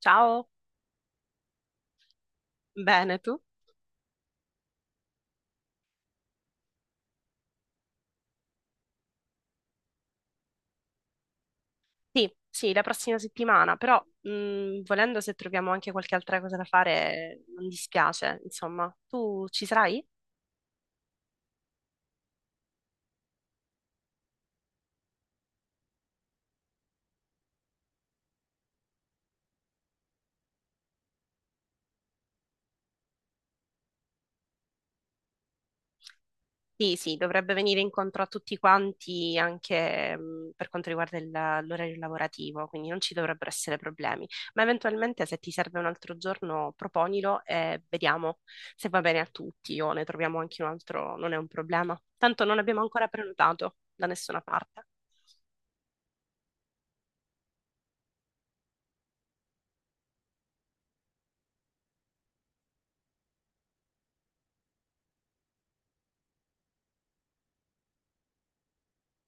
Ciao, bene tu? Sì, sì, la prossima settimana, però volendo se troviamo anche qualche altra cosa da fare, non dispiace, insomma. Tu ci sarai? Sì, sì, dovrebbe venire incontro a tutti quanti anche per quanto riguarda l'orario lavorativo, quindi non ci dovrebbero essere problemi. Ma eventualmente se ti serve un altro giorno, proponilo e vediamo se va bene a tutti o ne troviamo anche un altro, non è un problema. Tanto non abbiamo ancora prenotato da nessuna parte.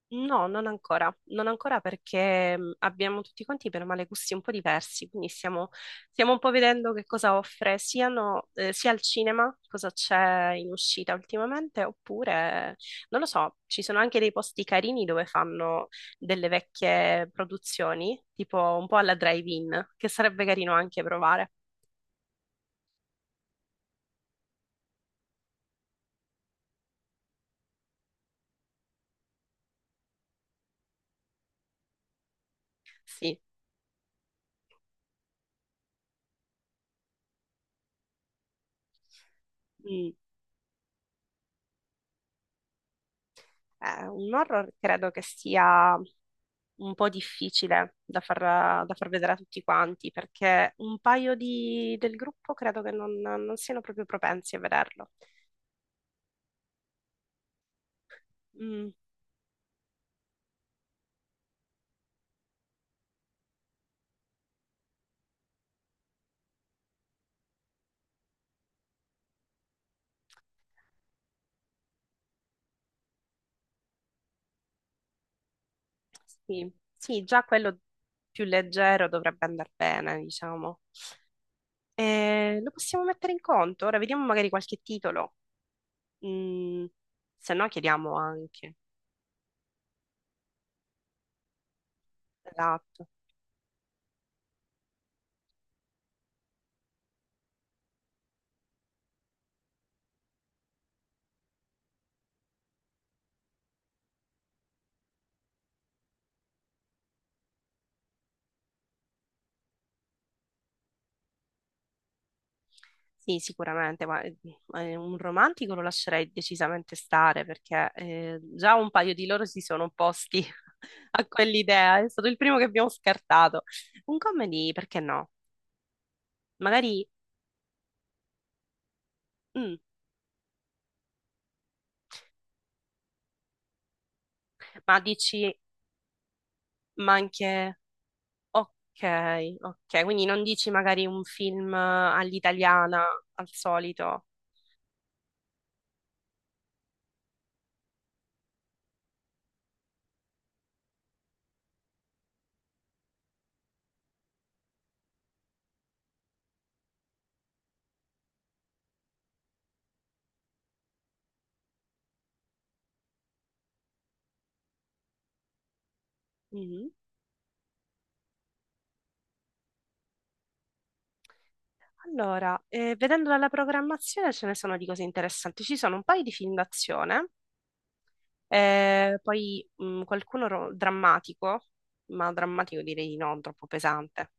No, non ancora, non ancora perché abbiamo tutti quanti per male gusti un po' diversi, quindi stiamo un po' vedendo che cosa offre sia al cinema, cosa c'è in uscita ultimamente, oppure non lo so, ci sono anche dei posti carini dove fanno delle vecchie produzioni, tipo un po' alla drive-in, che sarebbe carino anche provare. Sì. Mm. Un horror credo che sia un po' difficile da far vedere a tutti quanti, perché un paio del gruppo credo che non siano proprio propensi a vederlo. Mm, sì, sì, già quello più leggero dovrebbe andare bene, diciamo. Lo possiamo mettere in conto? Ora vediamo magari qualche titolo. Mm, Se no chiediamo anche. Esatto. Sì, sicuramente, ma un romantico lo lascerei decisamente stare perché già un paio di loro si sono opposti a quell'idea, è stato il primo che abbiamo scartato. Un comedy, perché no? Magari, mm, ma dici, ma anche, ok, ok, quindi non dici magari un film all'italiana, al solito. Mm. Allora, vedendo dalla programmazione ce ne sono di cose interessanti, ci sono un paio di film d'azione. Poi qualcuno drammatico, ma drammatico direi di no, troppo pesante.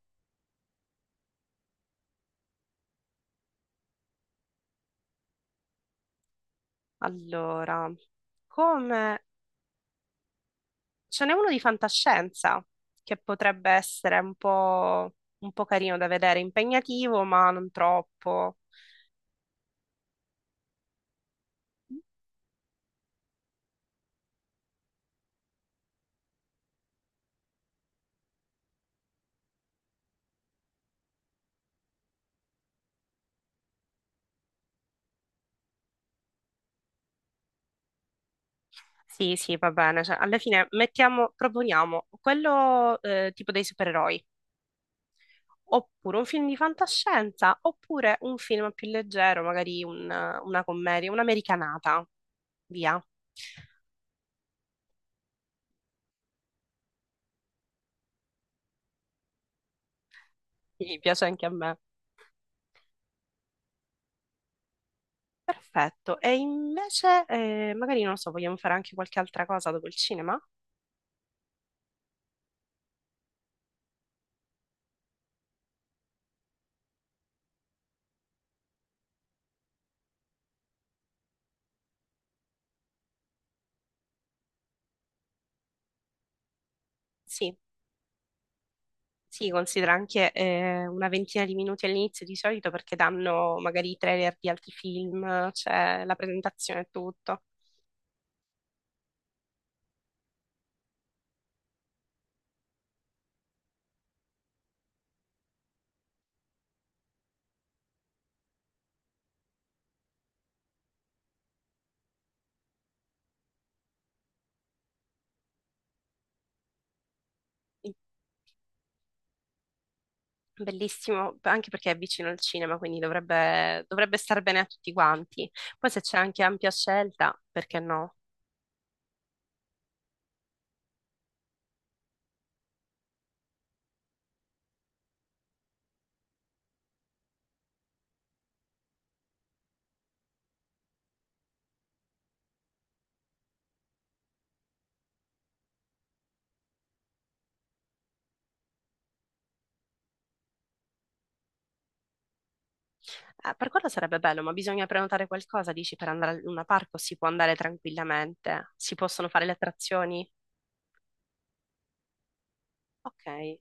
Allora, come ce n'è uno di fantascienza che potrebbe essere un po' carino da vedere, impegnativo, ma non troppo. Sì, sì, va bene. Cioè, alla fine mettiamo, proponiamo quello tipo dei supereroi, oppure un film di fantascienza, oppure un film più leggero, magari una commedia, un'americanata. Via. Sì, piace anche a me. Perfetto. E invece, magari non lo so, vogliamo fare anche qualche altra cosa dopo il cinema? Sì, sì, considera anche una ventina di minuti all'inizio di solito perché danno magari i trailer di altri film, c'è la presentazione e tutto. Sì. Bellissimo, anche perché è vicino al cinema, quindi dovrebbe star bene a tutti quanti. Poi se c'è anche ampia scelta, perché no? Per quello sarebbe bello, ma bisogna prenotare qualcosa, dici, per andare al Luna Park o si può andare tranquillamente? Si possono fare le attrazioni? Ok.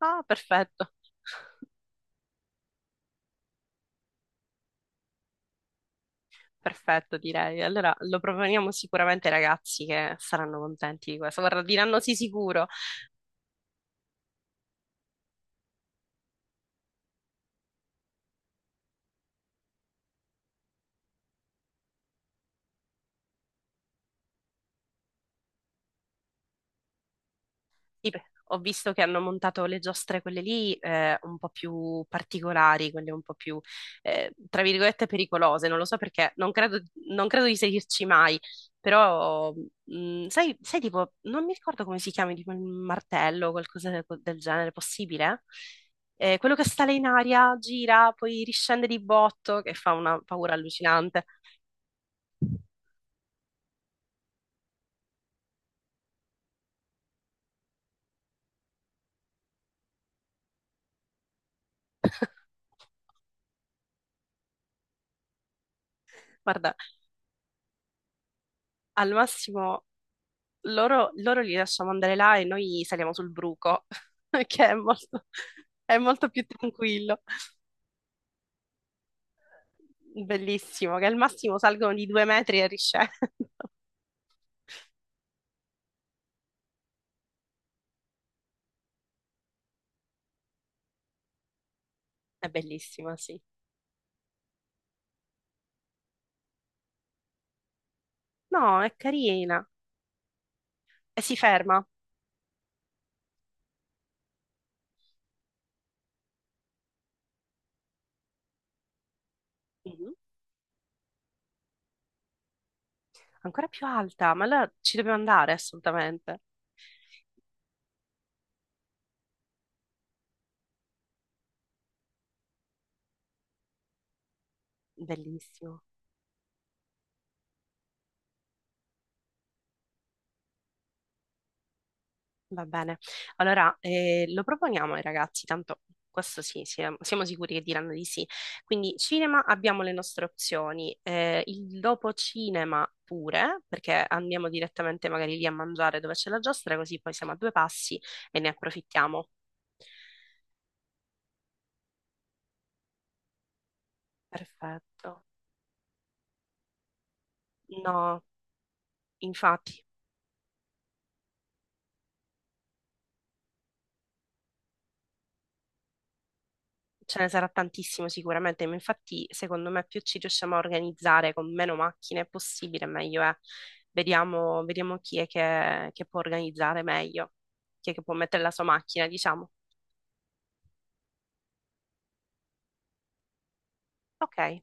Ah, perfetto, perfetto, direi. Allora lo proponiamo sicuramente ai ragazzi che saranno contenti di questo. Guarda, diranno sì sicuro. Sì, beh, ho visto che hanno montato le giostre, quelle lì, un po' più particolari, quelle un po' più, tra virgolette, pericolose. Non lo so perché, non credo di seguirci mai, però sai, tipo, non mi ricordo come si chiami, tipo il martello o qualcosa del genere, possibile? Quello che sale in aria, gira, poi riscende di botto, che fa una paura allucinante. Guarda, al massimo loro li lasciamo andare là e noi saliamo sul bruco, che è molto più tranquillo. Bellissimo, che al massimo salgono di 2 metri e riscendono. È bellissima, sì. No, è carina. E si ferma. Mhm. Ancora più alta, ma allora ci dobbiamo andare assolutamente. Bellissimo. Va bene. Allora, lo proponiamo ai ragazzi, tanto questo sì, siamo sicuri che diranno di sì. Quindi cinema abbiamo le nostre opzioni, il dopo cinema pure, perché andiamo direttamente magari lì a mangiare dove c'è la giostra, così poi siamo a due passi e ne approfittiamo. Perfetto. No, infatti. Ce ne sarà tantissimo sicuramente, ma infatti secondo me più ci riusciamo a organizzare con meno macchine possibile, meglio è. Vediamo chi è che può organizzare meglio, chi è che può mettere la sua macchina, diciamo. Ok,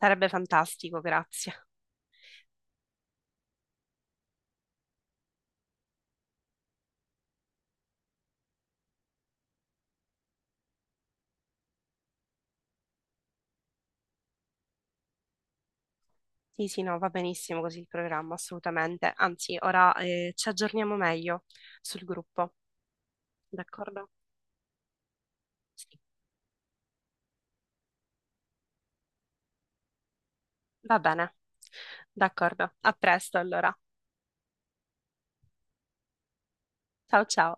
sarebbe fantastico, grazie. Sì, sì, no, va benissimo così il programma, assolutamente. Anzi, ora ci aggiorniamo meglio sul gruppo, d'accordo? Sì, va bene. D'accordo, a presto allora. Ciao ciao.